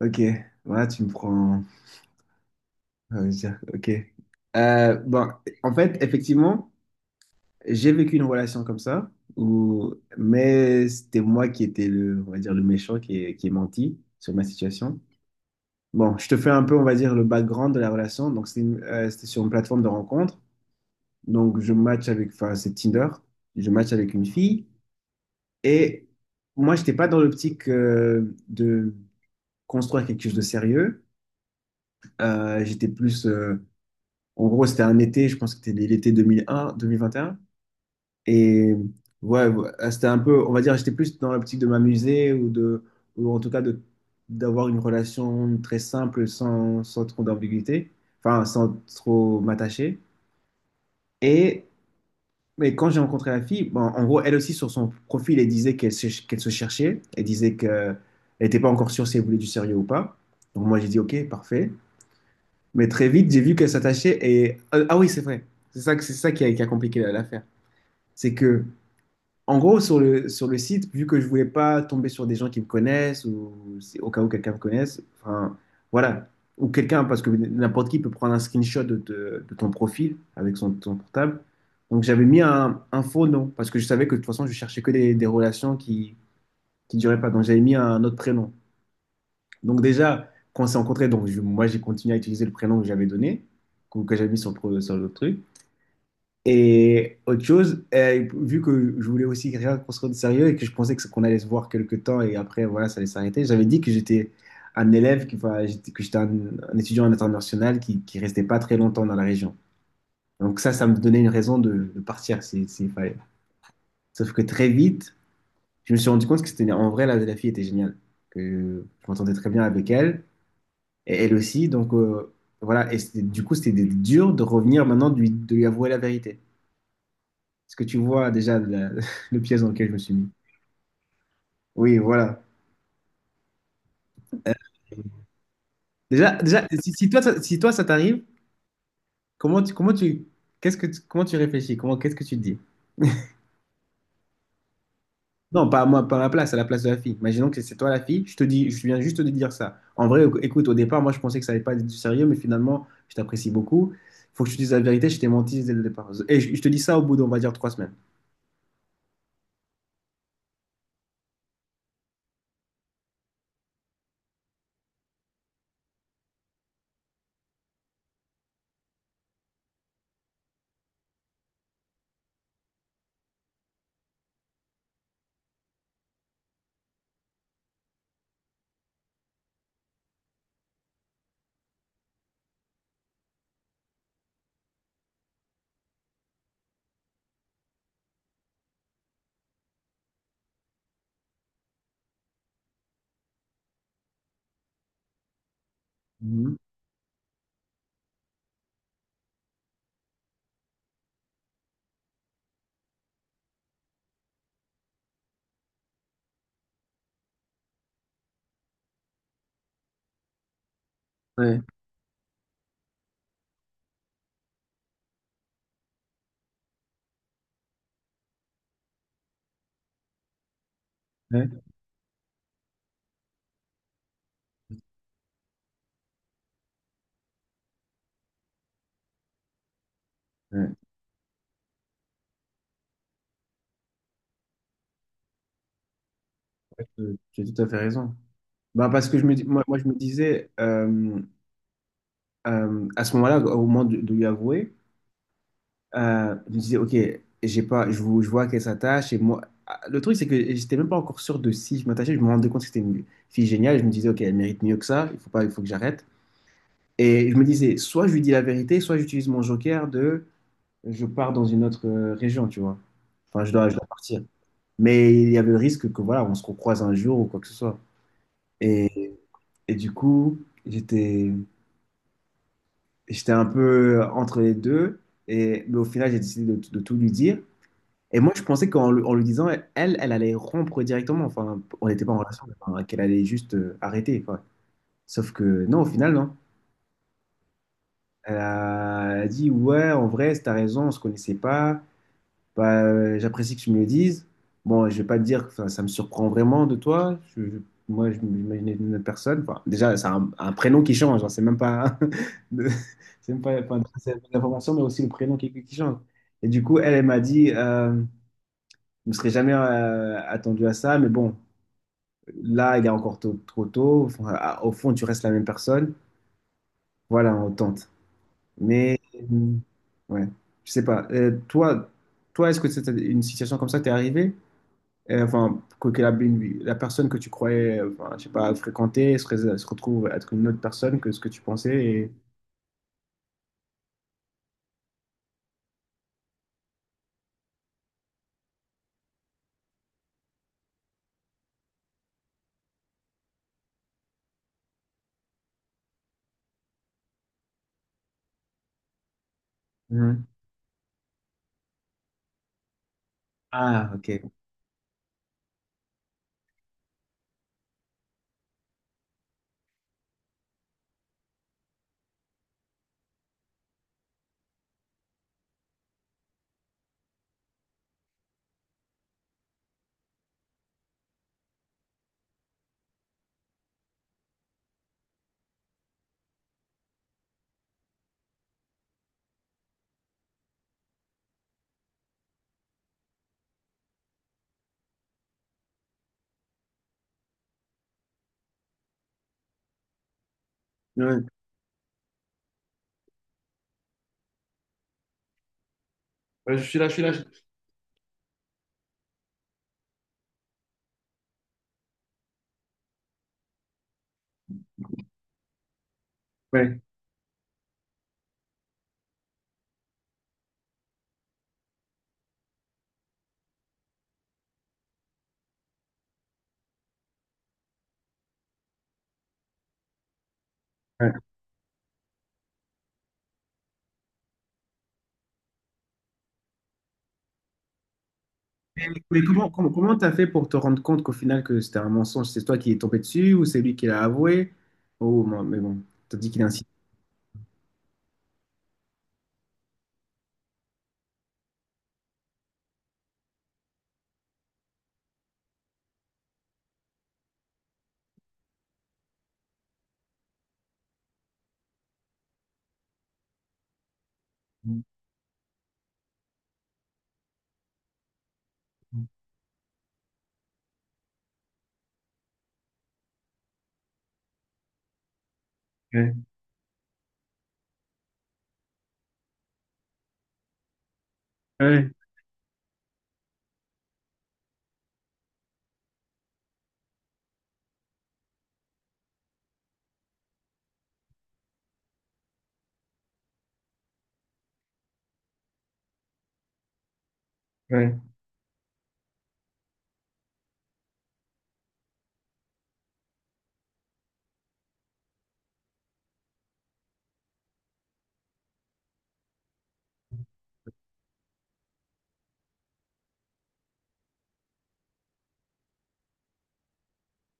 Ok, ouais, tu me prends. Ah oui, ça, ok. Euh, bon, en fait, effectivement, j'ai vécu une relation comme ça, où... mais c'était moi qui étais le, on va dire, le méchant qui est menti sur ma situation. Bon, je te fais un peu, on va dire, le background de la relation. Donc, c'était sur une plateforme de rencontre. Donc, je match avec, enfin, c'est Tinder. Je match avec une fille. Et moi, j'étais pas dans l'optique de construire quelque chose de sérieux. J'étais plus. En gros, c'était un été, je pense que c'était l'été 2001, 2021. Et un. Et ouais, c'était un peu, on va dire, j'étais plus dans l'optique de m'amuser ou de, ou en tout cas de, d'avoir une relation très simple sans, sans trop d'ambiguïté, enfin, sans trop m'attacher. Et mais quand j'ai rencontré la fille, bon, en gros, elle aussi, sur son profil, elle disait qu'elle se cherchait. Elle disait qu'elle n'était pas encore sûre si elle voulait du sérieux ou pas. Donc moi, j'ai dit, OK, parfait. Mais très vite, j'ai vu qu'elle s'attachait et... Ah ah oui, c'est vrai. C'est ça qui a compliqué l'affaire. C'est que, en gros, sur le site, vu que je voulais pas tomber sur des gens qui me connaissent ou si- au cas où quelqu'un me connaisse, enfin, voilà. Ou quelqu'un, parce que n'importe qui peut prendre un screenshot de ton profil avec ton portable. Donc j'avais mis un faux nom parce que je savais que de toute façon, je cherchais que des relations qui duraient pas. Donc j'avais mis un autre prénom. Donc déjà, quand on s'est rencontrés, moi j'ai continué à utiliser le prénom que j'avais donné, que j'avais mis sur le, sur le truc. Et autre chose, vu que je voulais aussi rien qu'on se rende sérieux et que je pensais que qu'on allait se voir quelques temps et après voilà, ça allait s'arrêter, j'avais dit que j'étais un élève, qui, enfin, que j'étais un étudiant international qui restait pas très longtemps dans la région. Donc ça me donnait une raison de partir si- s'il fallait. Sauf que très vite, je me suis rendu compte que c'était en vrai la fille était géniale, que je m'entendais très bien avec elle. Et elle aussi, donc voilà. Du coup, c'était dur de revenir maintenant, de lui avouer la vérité. Ce que tu vois déjà la- le piège dans lequel je me suis mis. Oui, voilà. Euh, déjà, si toi, si toi, ça t'arrive, comment tu, comment tu, comment tu réfléchis? Qu'est-ce que tu te dis? Non, pas à moi, pas à ma place, à la place de la fille. Imaginons que c'est toi la fille, je te dis, je viens juste de dire ça. En vrai, écoute, au départ, moi, je pensais que ça allait pas être du sérieux, mais finalement, je t'apprécie beaucoup. Faut que je te dise la vérité, je t'ai menti dès le départ. Je te dis ça au bout d'on va dire trois semaines. Mhm. Ouais. Ouais, tu as tout à fait raison. Bah, parce que je me disais, à ce moment-là, au moment de lui avouer, je me disais, OK, j'ai pas, je, vous- je vois qu'elle s'attache. Et moi, ah, le truc, c'est que j'étais même pas encore sûr de si je m'attachais. Je me rendais compte que c'était une fille géniale. Je me disais, OK, elle mérite mieux que ça. Il faut pas, il faut que j'arrête. Et je me disais, soit je lui dis la vérité, soit j'utilise mon joker de je pars dans une autre région, tu vois. Enfin, je dois partir. Mais il y avait le risque que, voilà, on se recroise un jour ou quoi que ce soit. Et, et du coup, j'étais un peu entre les deux. Et, mais au final, j'ai décidé de tout lui dire. Et moi, je pensais en lui disant, elle allait rompre directement. Enfin, on n'était pas en relation, mais enfin, qu'elle allait juste arrêter. Quoi. Sauf que non, au final, non. Elle a dit, ouais, en vrai, t'as raison, on se connaissait pas. Bah, j'apprécie que tu me le dises. Bon, je vais pas te dire que ça me surprend vraiment de toi. Moi, je m'imaginais une autre personne. Enfin, déjà, c'est un prénom qui change. Hein. C'est même pas, de- c'est même pas, enfin, c'est l'information, mais aussi le prénom qui change. Et du coup, elle m'a dit, je ne serais jamais attendu à ça, mais bon, là, il est encore trop tôt. Enfin, au fond, tu restes la même personne. Voilà, on tente. Mais, euh, ouais, je sais pas. Toi, est-ce que c'était une situation comme ça t'est arrivée? Enfin, la personne que tu croyais, enfin, je sais pas, fréquenter se retrouve être une autre personne que ce que tu pensais. Et... Mhm. Ah, ok. Ouais, ouais, je suis là, je suis là. Ouais, ouais. Comment t'as fait pour te rendre compte qu'au final que c'était un mensonge? C'est toi qui est tombé dessus ou c'est lui qui l'a avoué? Oh, moi, mais bon, t'as dit qu'il a insisté. Ouais, ouais, ouais.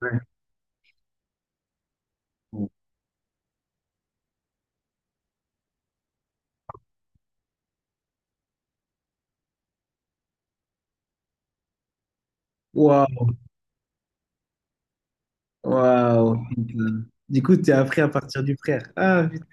ouais. Waouh, waouh. Du coup, t'es appris à partir du frère. Ah, putain.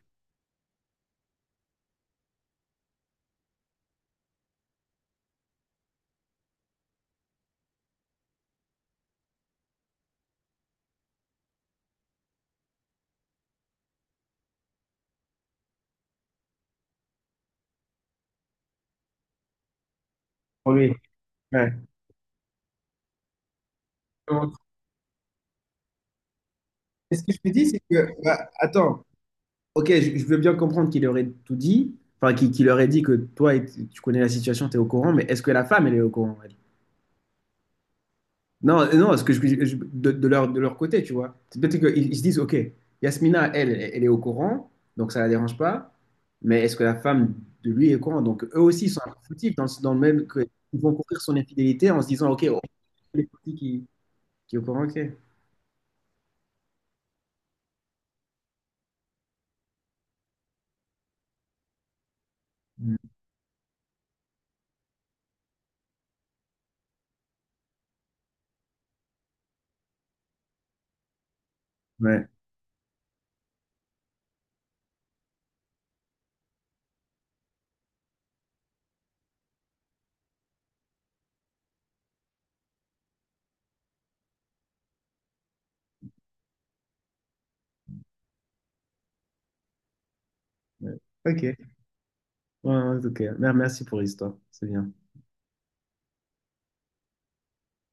Oui. Ouais. Mais ce que je me dis, c'est que, bah, attends, ok, je veux bien comprendre qu'il aurait tout dit, enfin, qu'il aurait dit que toi, et- tu connais la situation, tu es au courant, mais est-ce que la femme, elle est au courant, elle Non, non, ce que de, de leur côté, tu vois. C'est peut-être qu'ils ils se disent, ok, Yasmina, elle est au courant, donc ça la dérange pas, mais est-ce que la femme de lui est au courant? Donc eux aussi, ils sont un peu foutifs dans, dans le même que- ils vont courir son infidélité en se disant, ok, oh, elle est foutie qui est au courant, ok. Mm. Ouais, ouais. Ok. Ouais, ouais, ok. Merci pour l'histoire, c'est bien.